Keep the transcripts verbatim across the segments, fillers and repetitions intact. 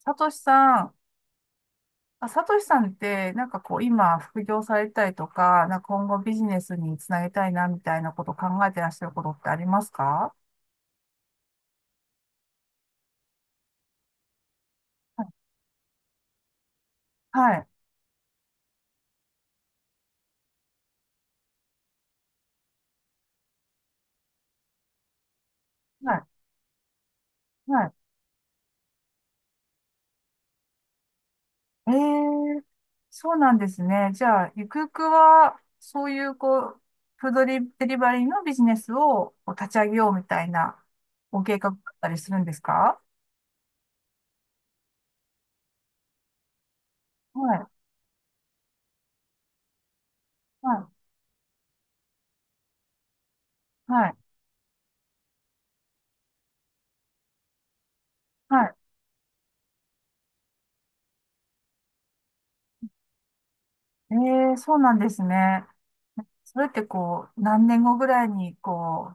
さとしさん、あ、さとしさんって、なんかこう、今、副業されたりとか、なんか今後ビジネスにつなげたいな、みたいなことを考えてらっしゃることってありますか？はい、はい、はい。ええー、そうなんですね。じゃあ、ゆくゆくは、そういう、こう、フードリデリバリーのビジネスをこう立ち上げようみたいな、ご計画だったりするんですか？はい、はい、はい、はい。ええー、そうなんですね。それってこう、何年後ぐらいにこ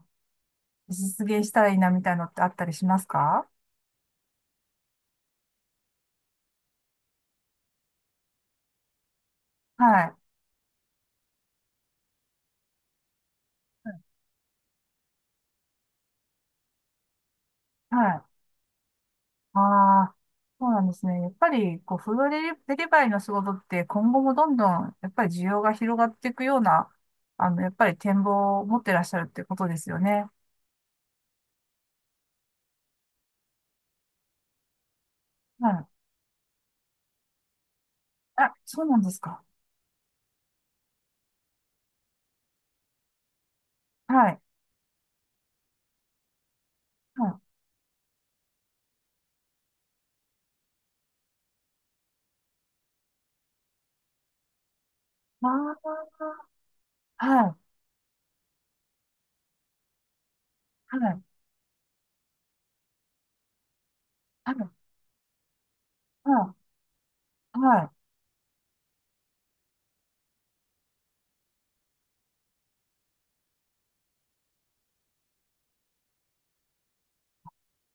実現したらいいなみたいのってあったりしますか？はい。はい。ああ、そうなんですね。やっぱり、こう、フードデリデリバリーの仕事って今後もどんどん、やっぱり需要が広がっていくような、あの、やっぱり展望を持ってらっしゃるってことですよね。はい。あ、そうなんですか。はい。はい。ああ、はい。はい。はい。はい。はい。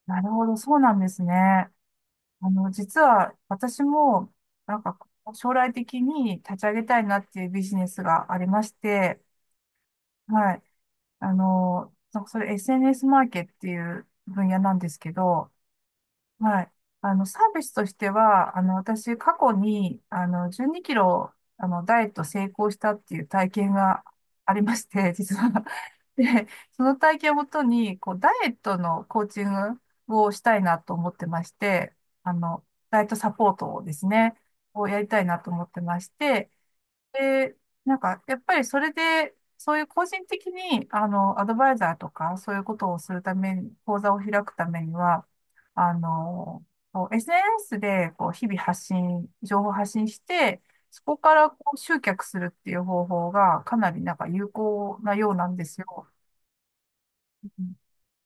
なるほど。そうなんですね。あの、実は私も、なんか、将来的に立ち上げたいなっていうビジネスがありまして、はい。あの、なんかそれ エスエヌエス マーケっていう分野なんですけど、はい。あの、サービスとしては、あの、私、過去に、あの、じゅうにキロ、あの、ダイエット成功したっていう体験がありまして、実は。で、その体験をもとに、こう、ダイエットのコーチングをしたいなと思ってまして、あの、ダイエットサポートをですね、をやりたいなと思ってまして、で、なんか、やっぱりそれで、そういう個人的に、あの、アドバイザーとか、そういうことをするために、講座を開くためには、あの、こう エスエヌエス で、こう、日々発信、情報発信して、そこからこう集客するっていう方法が、かなりなんか有効なようなんですよ。うん、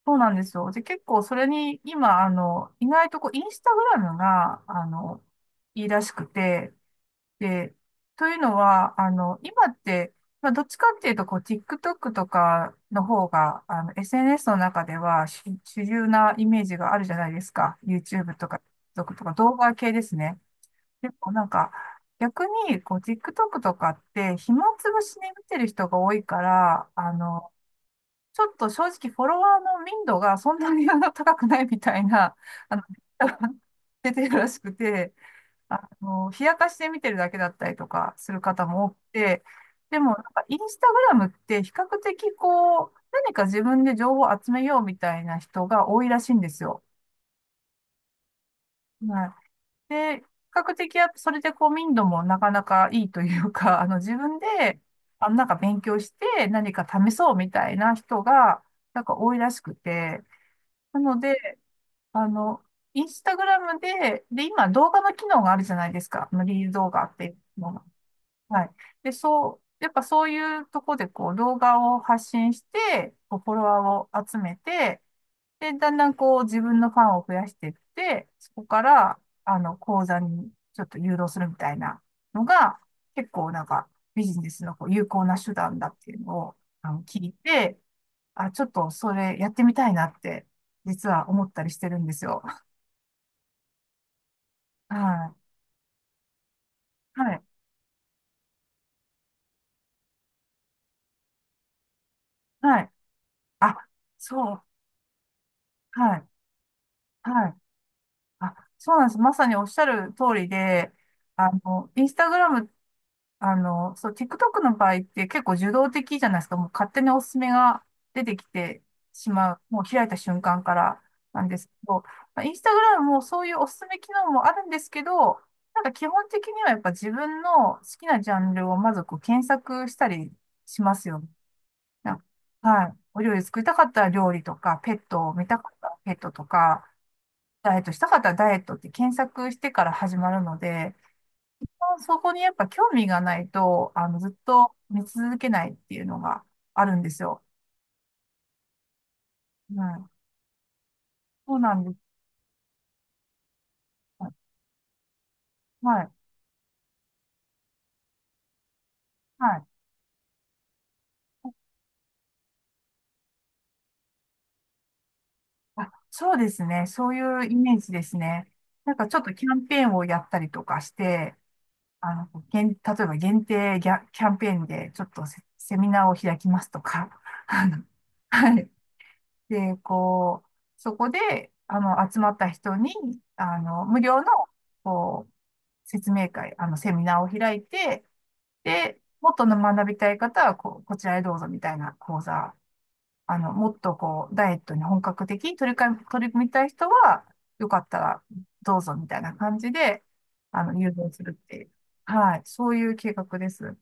そうなんですよ。で、結構それに、今、あの、意外とこう、インスタグラムが、あの、いいらしくて、で、というのは、あの、今って、まあ、どっちかっていうと、こう、TikTok とかの方が、あの、エスエヌエス の中では主、主流なイメージがあるじゃないですか。YouTube とか、TikTok とか、動画系ですね。でも、なんか、逆に、こう、TikTok とかって、暇つぶしに見てる人が多いから、あの、ちょっと正直、フォロワーの民度がそんなにあの高くないみたいな、あの、出てるらしくて、あの、冷やかしで見てるだけだったりとかする方も多くて、でもなんかインスタグラムって比較的こう、何か自分で情報を集めようみたいな人が多いらしいんですよ。はい。で、比較的やっぱそれでこう民度もなかなかいいというか、あの自分で、あのなんか勉強して何か試そうみたいな人がなんか多いらしくて、なので、あの、インスタグラムで、で、今動画の機能があるじゃないですか。あのリール動画っていうのが。はい。で、そう、やっぱそういうとこでこう動画を発信して、こうフォロワーを集めて、で、だんだんこう自分のファンを増やしていって、そこから、あの、講座にちょっと誘導するみたいなのが、結構なんかビジネスのこう有効な手段だっていうのをあの聞いて、あ、ちょっとそれやってみたいなって、実は思ったりしてるんですよ。はい。はい。はい。あ、そう。はい。はい。あ、そうなんです。まさにおっしゃる通りで、あの、インスタグラム、あの、そう、TikTok の場合って結構受動的じゃないですか。もう勝手におすすめが出てきてしまう。もう開いた瞬間からなんですけど、まあインスタグラムもそういうおすすめ機能もあるんですけど、なんか基本的にはやっぱ自分の好きなジャンルをまずこう検索したりしますよね。なんか、はい。お料理作りたかったら料理とか、ペットを見たかったらペットとか、ダイエットしたかったらダイエットって検索してから始まるので、そこにやっぱ興味がないと、あの、ずっと見続けないっていうのがあるんですよ。はい。そうなんです。はい。はい。あ、そうですね。そういうイメージですね。なんかちょっとキャンペーンをやったりとかして、あの、限例えば限定ギャキャンペーンでちょっとセ、セミナーを開きますとか、あの、はい。で、こう、そこで、あの、集まった人に、あの、無料の、こう、説明会、あの、セミナーを開いて、で、もっと学びたい方は、こう、こちらへどうぞみたいな講座、あの、もっとこう、ダイエットに本格的に取りか、取り組みたい人は、よかったらどうぞみたいな感じで、あの、誘導するっていう。はい。そういう計画です。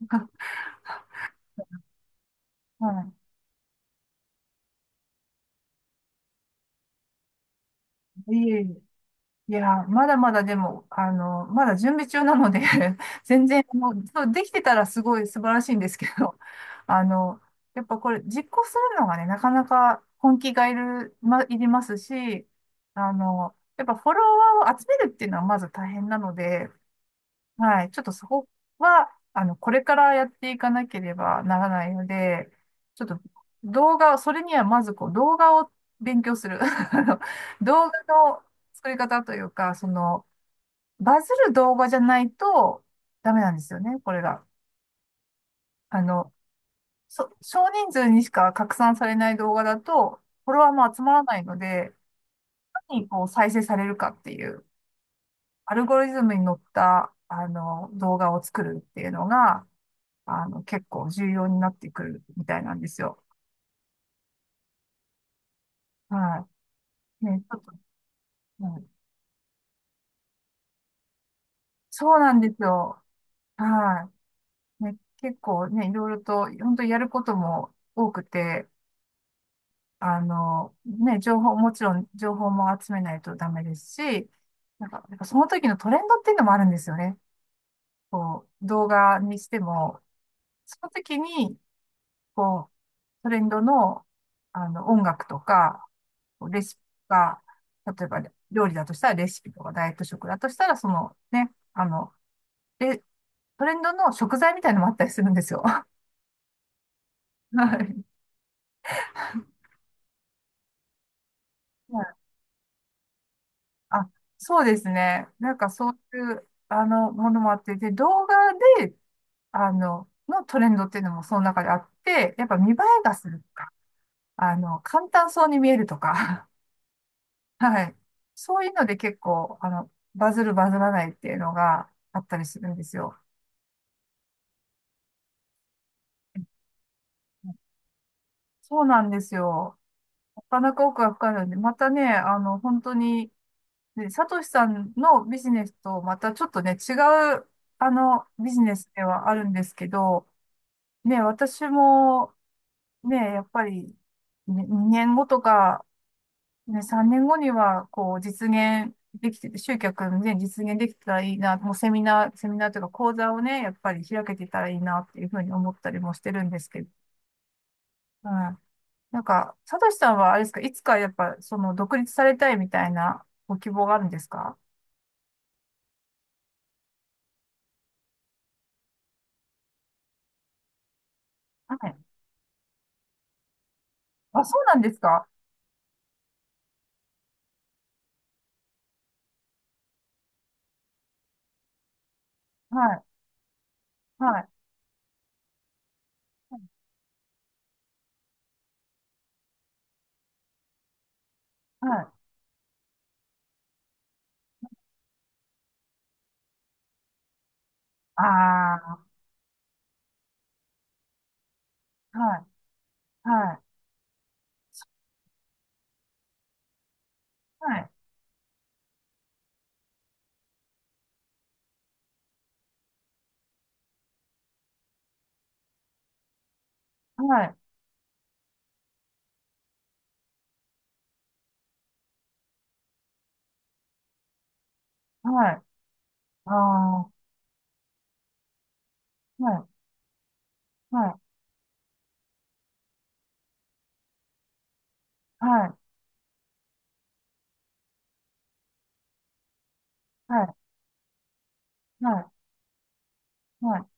はい。いえいえ、いや、まだまだでも、あの、まだ準備中なので 全然、もう、そう、できてたらすごい素晴らしいんですけど、あの、やっぱこれ実行するのがね、なかなか本気がいる、ま、いりますし、あの、やっぱフォロワーを集めるっていうのはまず大変なので、はい。ちょっとそこは、あの、これからやっていかなければならないので、ちょっと動画を、それにはまずこう動画を勉強する。あの動画の作り方というか、その、バズる動画じゃないとダメなんですよね、これが。あの、そ、少人数にしか拡散されない動画だと、フォロワーも集まらないので、何にこう再生されるかっていう、アルゴリズムに乗った、あの、動画を作るっていうのが、あの、結構重要になってくるみたいなんですよ。はい。ね、ちょっと、はい、そうなんですよ。はい。ね、結構ね、いろいろと、本当にやることも多くて、あの、ね、情報、もちろん情報も集めないとダメですし、なんか、なんかその時のトレンドっていうのもあるんですよね。こう、動画にしても、その時に、こう、トレンドの、あの、音楽とか、レシピが、例えば料理だとしたらレシピとか、ダイエット食だとしたら、そのね、あの、で、トレンドの食材みたいなのもあったりするんですよ。はい。はい、あ、そうですね。なんかそういう、あの、ものもあって、で、動画で、あの、のトレンドっていうのもその中であって、やっぱ見栄えがするとか、あの、簡単そうに見えるとか、はい。そういうので結構、あの、バズるバズらないっていうのがあったりするんですよ。そうなんですよ。なかなか奥が深いので、またね、あの、本当に、ね、サトシさんのビジネスとまたちょっとね、違う、あの、ビジネスではあるんですけど、ね、私も、ね、やっぱり、ね、年後とかね、さんねんごにはこう実現できて集客ね実現できたらいいな、もうセミナーセミナーとか講座をねやっぱり開けてたらいいなっていう風に思ったりもしてるんですけど、うん。なんか佐藤さんはあれですか、いつかやっぱその独立されたいみたいなご希望があるんですか？はい。あ、そうなんですか？はい、はい、はい。ああ、はい、はい、はい、はい、はい、ああ、はい、はい、はい、はい、はい、はい、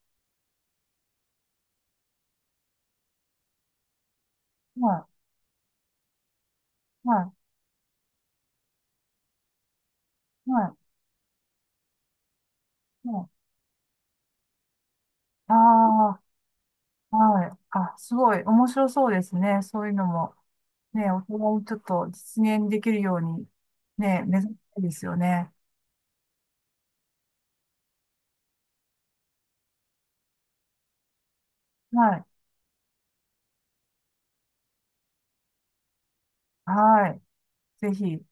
はい、はい。もう、ああ、はい。あ、すごい面白そうですね。そういうのも、ね、お互いちょっと実現できるように、ね、目指したいですよね。はい。はい。ぜひ。